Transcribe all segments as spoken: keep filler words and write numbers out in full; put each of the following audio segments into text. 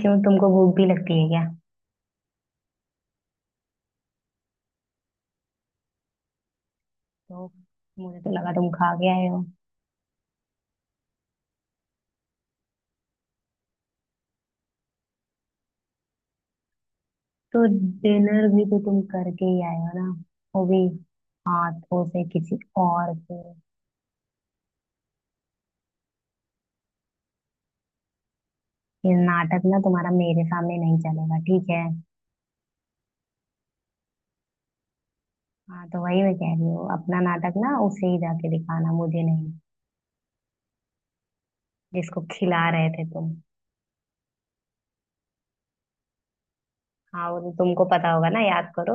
क्यों तुमको भूख भी लगती है क्या। तो मुझे तो लगा तुम खा के आए हो। तो डिनर भी तो तुम करके ही आए हो ना। वो भी हाथों से किसी और के। ये नाटक ना तुम्हारा मेरे सामने नहीं चलेगा, ठीक है। हाँ तो वही मैं कह रही हूँ, अपना नाटक ना उसे ही जाके दिखाना, मुझे नहीं। जिसको खिला रहे थे तुम। हाँ वो तो तुमको पता होगा ना, याद करो।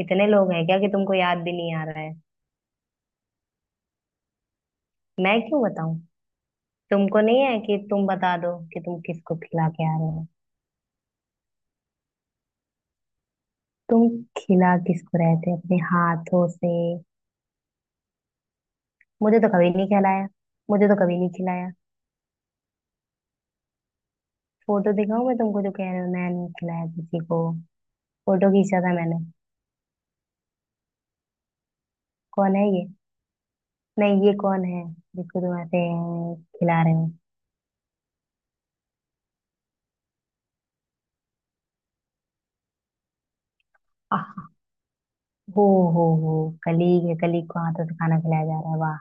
इतने लोग हैं क्या कि तुमको याद भी नहीं आ रहा है। मैं क्यों बताऊं। तुमको नहीं है कि तुम बता दो कि तुम किसको खिला के आ रहे हो। तुम खिला किसको रहे थे अपने हाथों से। मुझे तो कभी नहीं खिलाया। मुझे तो कभी नहीं खिलाया। फोटो दिखाऊं मैं तुमको जो कह रहे हो मैंने खिलाया किसी को। फोटो खींचा था मैंने। कौन है ये। नहीं, ये कौन है। जिसको तुम ऐसे खिला रहे हो। आह। हो। हो हो। कलीग है, कलीग को हाथों से खाना खिलाया जा रहा है, वाह।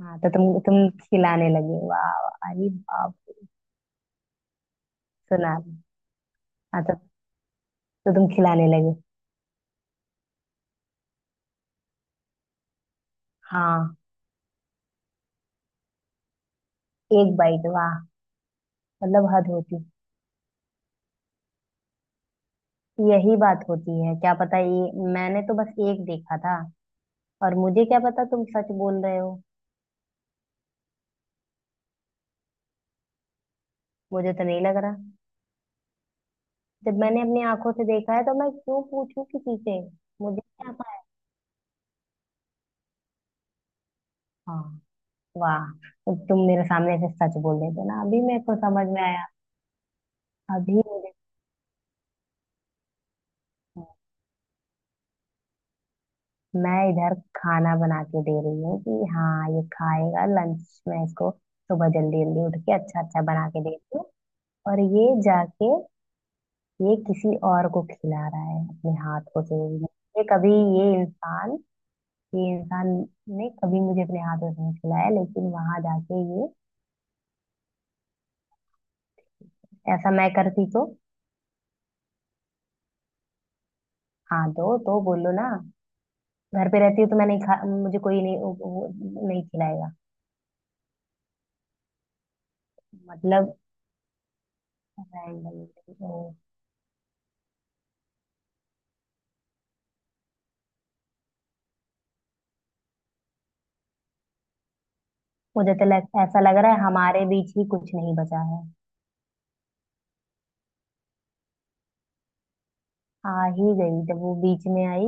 हाँ तो तुम तुम खिलाने लगे, वाह वाह, अरे बाप। सुना। हाँ तो, तो तुम खिलाने लगे। हाँ, एक बाइट, वाह। मतलब हद होती। यही बात होती है, क्या पता, ये मैंने तो बस एक देखा था। और मुझे क्या पता तुम सच बोल रहे हो। मुझे तो नहीं लग रहा। जब मैंने अपनी आंखों से देखा है तो मैं क्यों पूछूं किसी से। मुझे क्या पता है। हाँ। वाह। तो तुम मेरे सामने से सच बोल देते ना, अभी मेरे को समझ में आया। अभी मुझे। मैं इधर खाना बना के दे रही हूँ कि हाँ ये खाएगा लंच में इसको, सुबह जल्दी जल्दी उठ के अच्छा अच्छा बना के देती हूँ। और ये जाके ये किसी और को खिला रहा है, अपने हाथ को सूंघ रहा है। ये कभी, ये इंसान, ये इंसान ने कभी मुझे अपने हाथों से नहीं खिलाया, लेकिन वहां जाके ये। ऐसा मैं करती तो। हाँ दो तो बोलो ना। घर पे रहती हूँ तो मैं नहीं खा, मुझे कोई नहीं वो- वो- नहीं खिलाएगा। मतलब, रैंडम। मुझे तो लग, ऐसा लग रहा है हमारे बीच ही कुछ नहीं बचा है। आ ही गई, जब वो बीच में आई।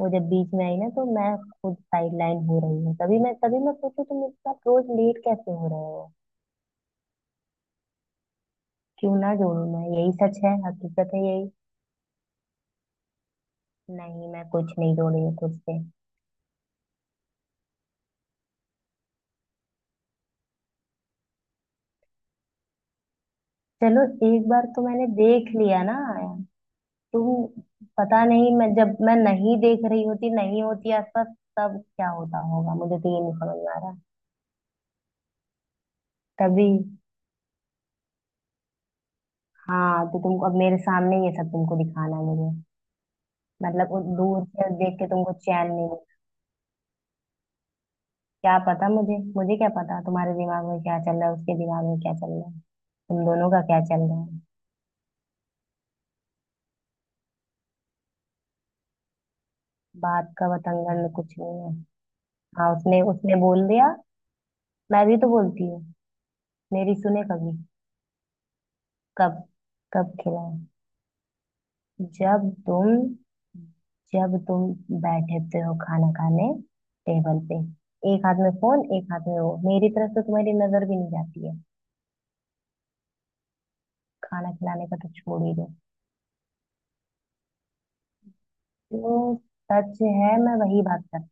वो जब बीच में आई ना तो मैं खुद साइडलाइन हो रही हूँ, तभी मैं तभी मैं सोचू तुम मेरे साथ रोज लेट कैसे हो रहे हो। क्यों ना जोड़ू मैं, यही सच है, हकीकत है यही। नहीं मैं कुछ नहीं जोड़ी हूँ खुद से। चलो। एक बार तो मैंने देख लिया ना। तुम, पता नहीं, मैं जब मैं नहीं देख रही होती, नहीं होती आसपास, तब क्या होता होगा, मुझे तो ये नहीं समझ में आ रहा। तभी। हाँ तो तुमको अब मेरे सामने ये सब तुमको दिखाना है मुझे। मतलब वो दूर से देख के तुमको चैन नहीं। क्या पता मुझे, मुझे क्या पता तुम्हारे दिमाग में क्या चल रहा है, उसके दिमाग में क्या चल रहा है, तुम दोनों का क्या चल रहा है। बात का बतंगड़ में कुछ नहीं है। हाँ उसने उसने बोल दिया, मैं भी तो बोलती हूँ, मेरी सुने कभी। कब। कब खिलाए। जब तुम जब तुम बैठते हो खाना खाने टेबल पे, एक हाथ में फोन एक हाथ में वो, मेरी तरफ से तुम्हारी नजर भी नहीं जाती है। खाना खिलाने का तो छोड़ ही दो। जो सच है मैं वही बात कर।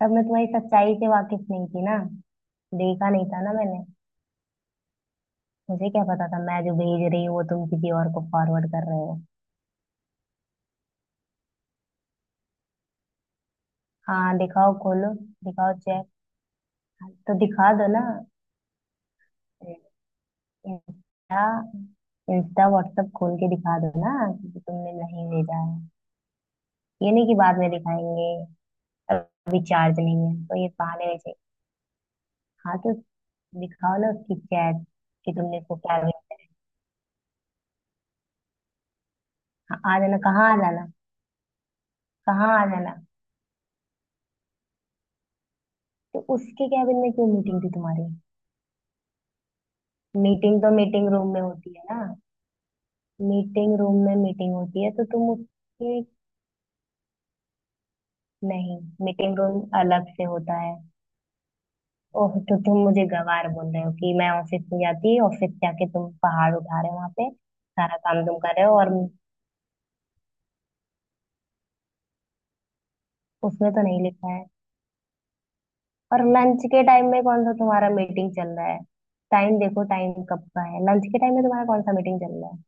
तब मैं तुम्हारी सच्चाई से वाकिफ नहीं थी ना, देखा नहीं था ना मैंने। मुझे क्या पता था मैं जो भेज रही हूँ वो तुम किसी और को फॉरवर्ड कर रहे हो। हाँ दिखाओ, खोलो। दिखाओ, चेक। तो दिखा दो ना। इंस्टा, इंस्टा व्हाट्सएप खोल के दिखा दो ना कि तुमने नहीं भेजा है। ये नहीं कि बाद में दिखाएंगे, अभी चार्ज नहीं है, तो ये बहाने में से। हाँ तो दिखाओ ना उसकी चैट, कि तुमने इसको क्या भेजा। हाँ, आ जाना कहाँ आ जाना। कहाँ आ जाना। तो उसके कैबिन में क्यों मीटिंग थी तुम्हारी। मीटिंग तो मीटिंग रूम में होती है ना। मीटिंग रूम में मीटिंग होती है तो तुम उसके। नहीं, मीटिंग रूम अलग से होता है। ओह तो तुम मुझे गवार बोल रहे हो कि मैं ऑफिस में जाती, ऑफिस जाके तुम पहाड़ उठा रहे हो वहां पे। सारा काम तुम कर रहे हो और। उसमें तो नहीं लिखा है। और लंच के टाइम में कौन सा तुम्हारा मीटिंग चल रहा है। टाइम देखो, टाइम कब का है, लंच के टाइम में तुम्हारा कौन सा मीटिंग चल रहा है।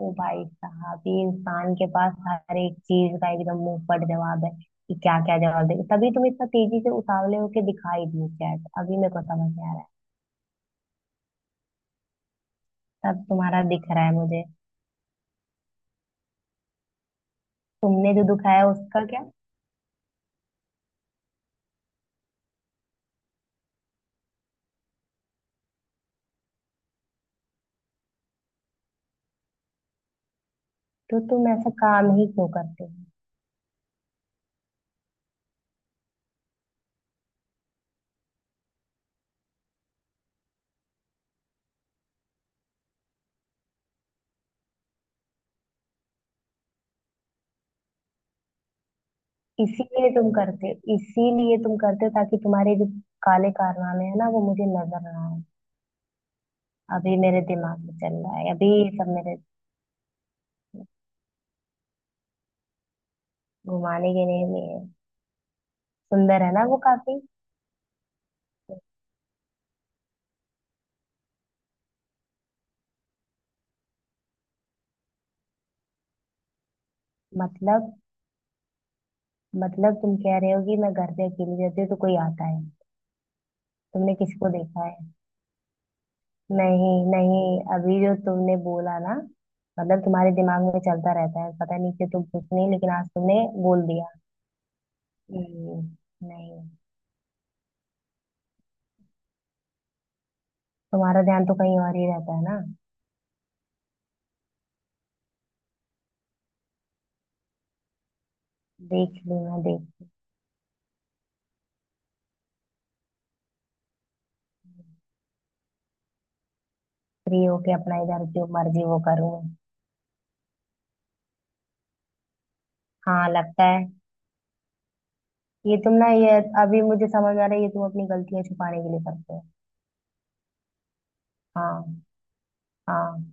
ओ भाई साहब, ये इंसान के पास हर एक चीज का एकदम मुंह पर जवाब है कि क्या क्या जवाब दे। तभी तुम इतना तेजी से उतावले होके दिखाई दी चैट, अभी मेरे को समझ में आ रहा है। सब तुम्हारा दिख रहा है मुझे। तुमने जो दुखाया उसका क्या। तो तुम ऐसा काम ही क्यों करते हो। इसीलिए तुम करते हो, इसीलिए तुम करते हो ताकि तुम्हारे जो काले कारनामे है ना वो मुझे नजर ना आए। अभी मेरे दिमाग में चल रहा है अभी ये सब मेरे। घुमाने के लिए है। सुंदर है ना वो काफी। मतलब। मतलब तुम कह रहे हो कि मैं घर पे अकेली रहती हूँ तो कोई आता है। तुमने किसको देखा है। नहीं नहीं, अभी जो तुमने बोला ना, मतलब तुम्हारे दिमाग में चलता रहता है, पता नहीं कि तुम कुछ नहीं लेकिन आज तुमने बोल दिया। हम्म। नहीं, तुम्हारा ध्यान तो कहीं और ही रहता है ना। देख लूँ मैं देख। फ्री होके अपना इधर जो मर्जी वो करूँ मैं। हाँ लगता है। ये तुम ना ये, अभी मुझे समझ आ रहा है ये तुम अपनी गलतियां छुपाने के लिए करते हो। हाँ। हाँ।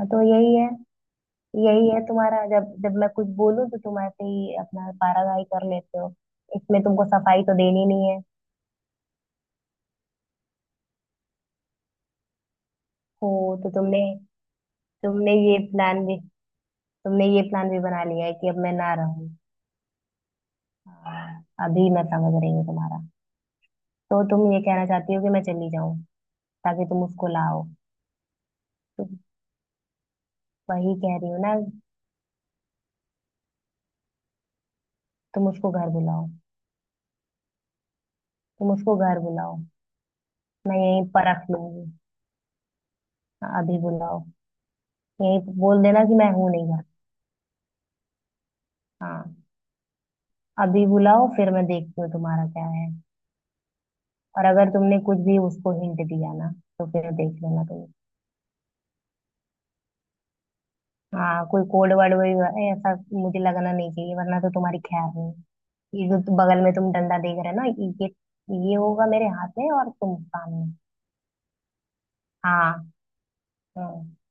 हाँ, तो यही है। यही है तुम्हारा, जब जब मैं कुछ बोलूं तो तुम ऐसे ही अपना पारागाही कर लेते हो। इसमें तुमको सफाई तो देनी नहीं है। हो। तो तुमने, तुमने ये प्लान भी, तुमने ये प्लान भी बना लिया है कि अब मैं ना रहूं। हाँ, अभी मैं समझ रही हूँ तुम्हारा। तो तुम ये कहना चाहती हो कि मैं चली जाऊं ताकि तुम उसको लाओ। तो वही कह रही हूँ ना। तुम उसको घर बुलाओ। तुम उसको घर बुलाओ। मैं यहीं परख लूंगी। हाँ, अभी बुलाओ। यहीं बोल देना कि मैं हूं नहीं घर। हाँ अभी बुलाओ, फिर मैं देखती हूँ तुम्हारा क्या है। और अगर तुमने कुछ भी उसको हिंट दिया ना तो फिर देख लेना तुम। हाँ कोई कोड वर्ड वही है, ऐसा मुझे लगना नहीं चाहिए, वरना तो तुम्हारी खैर नहीं। ये जो तुम- बगल में तुम डंडा देख रहे हो ना, ये ये होगा मेरे हाथ में और तुम सामने। हाँ। हाँ।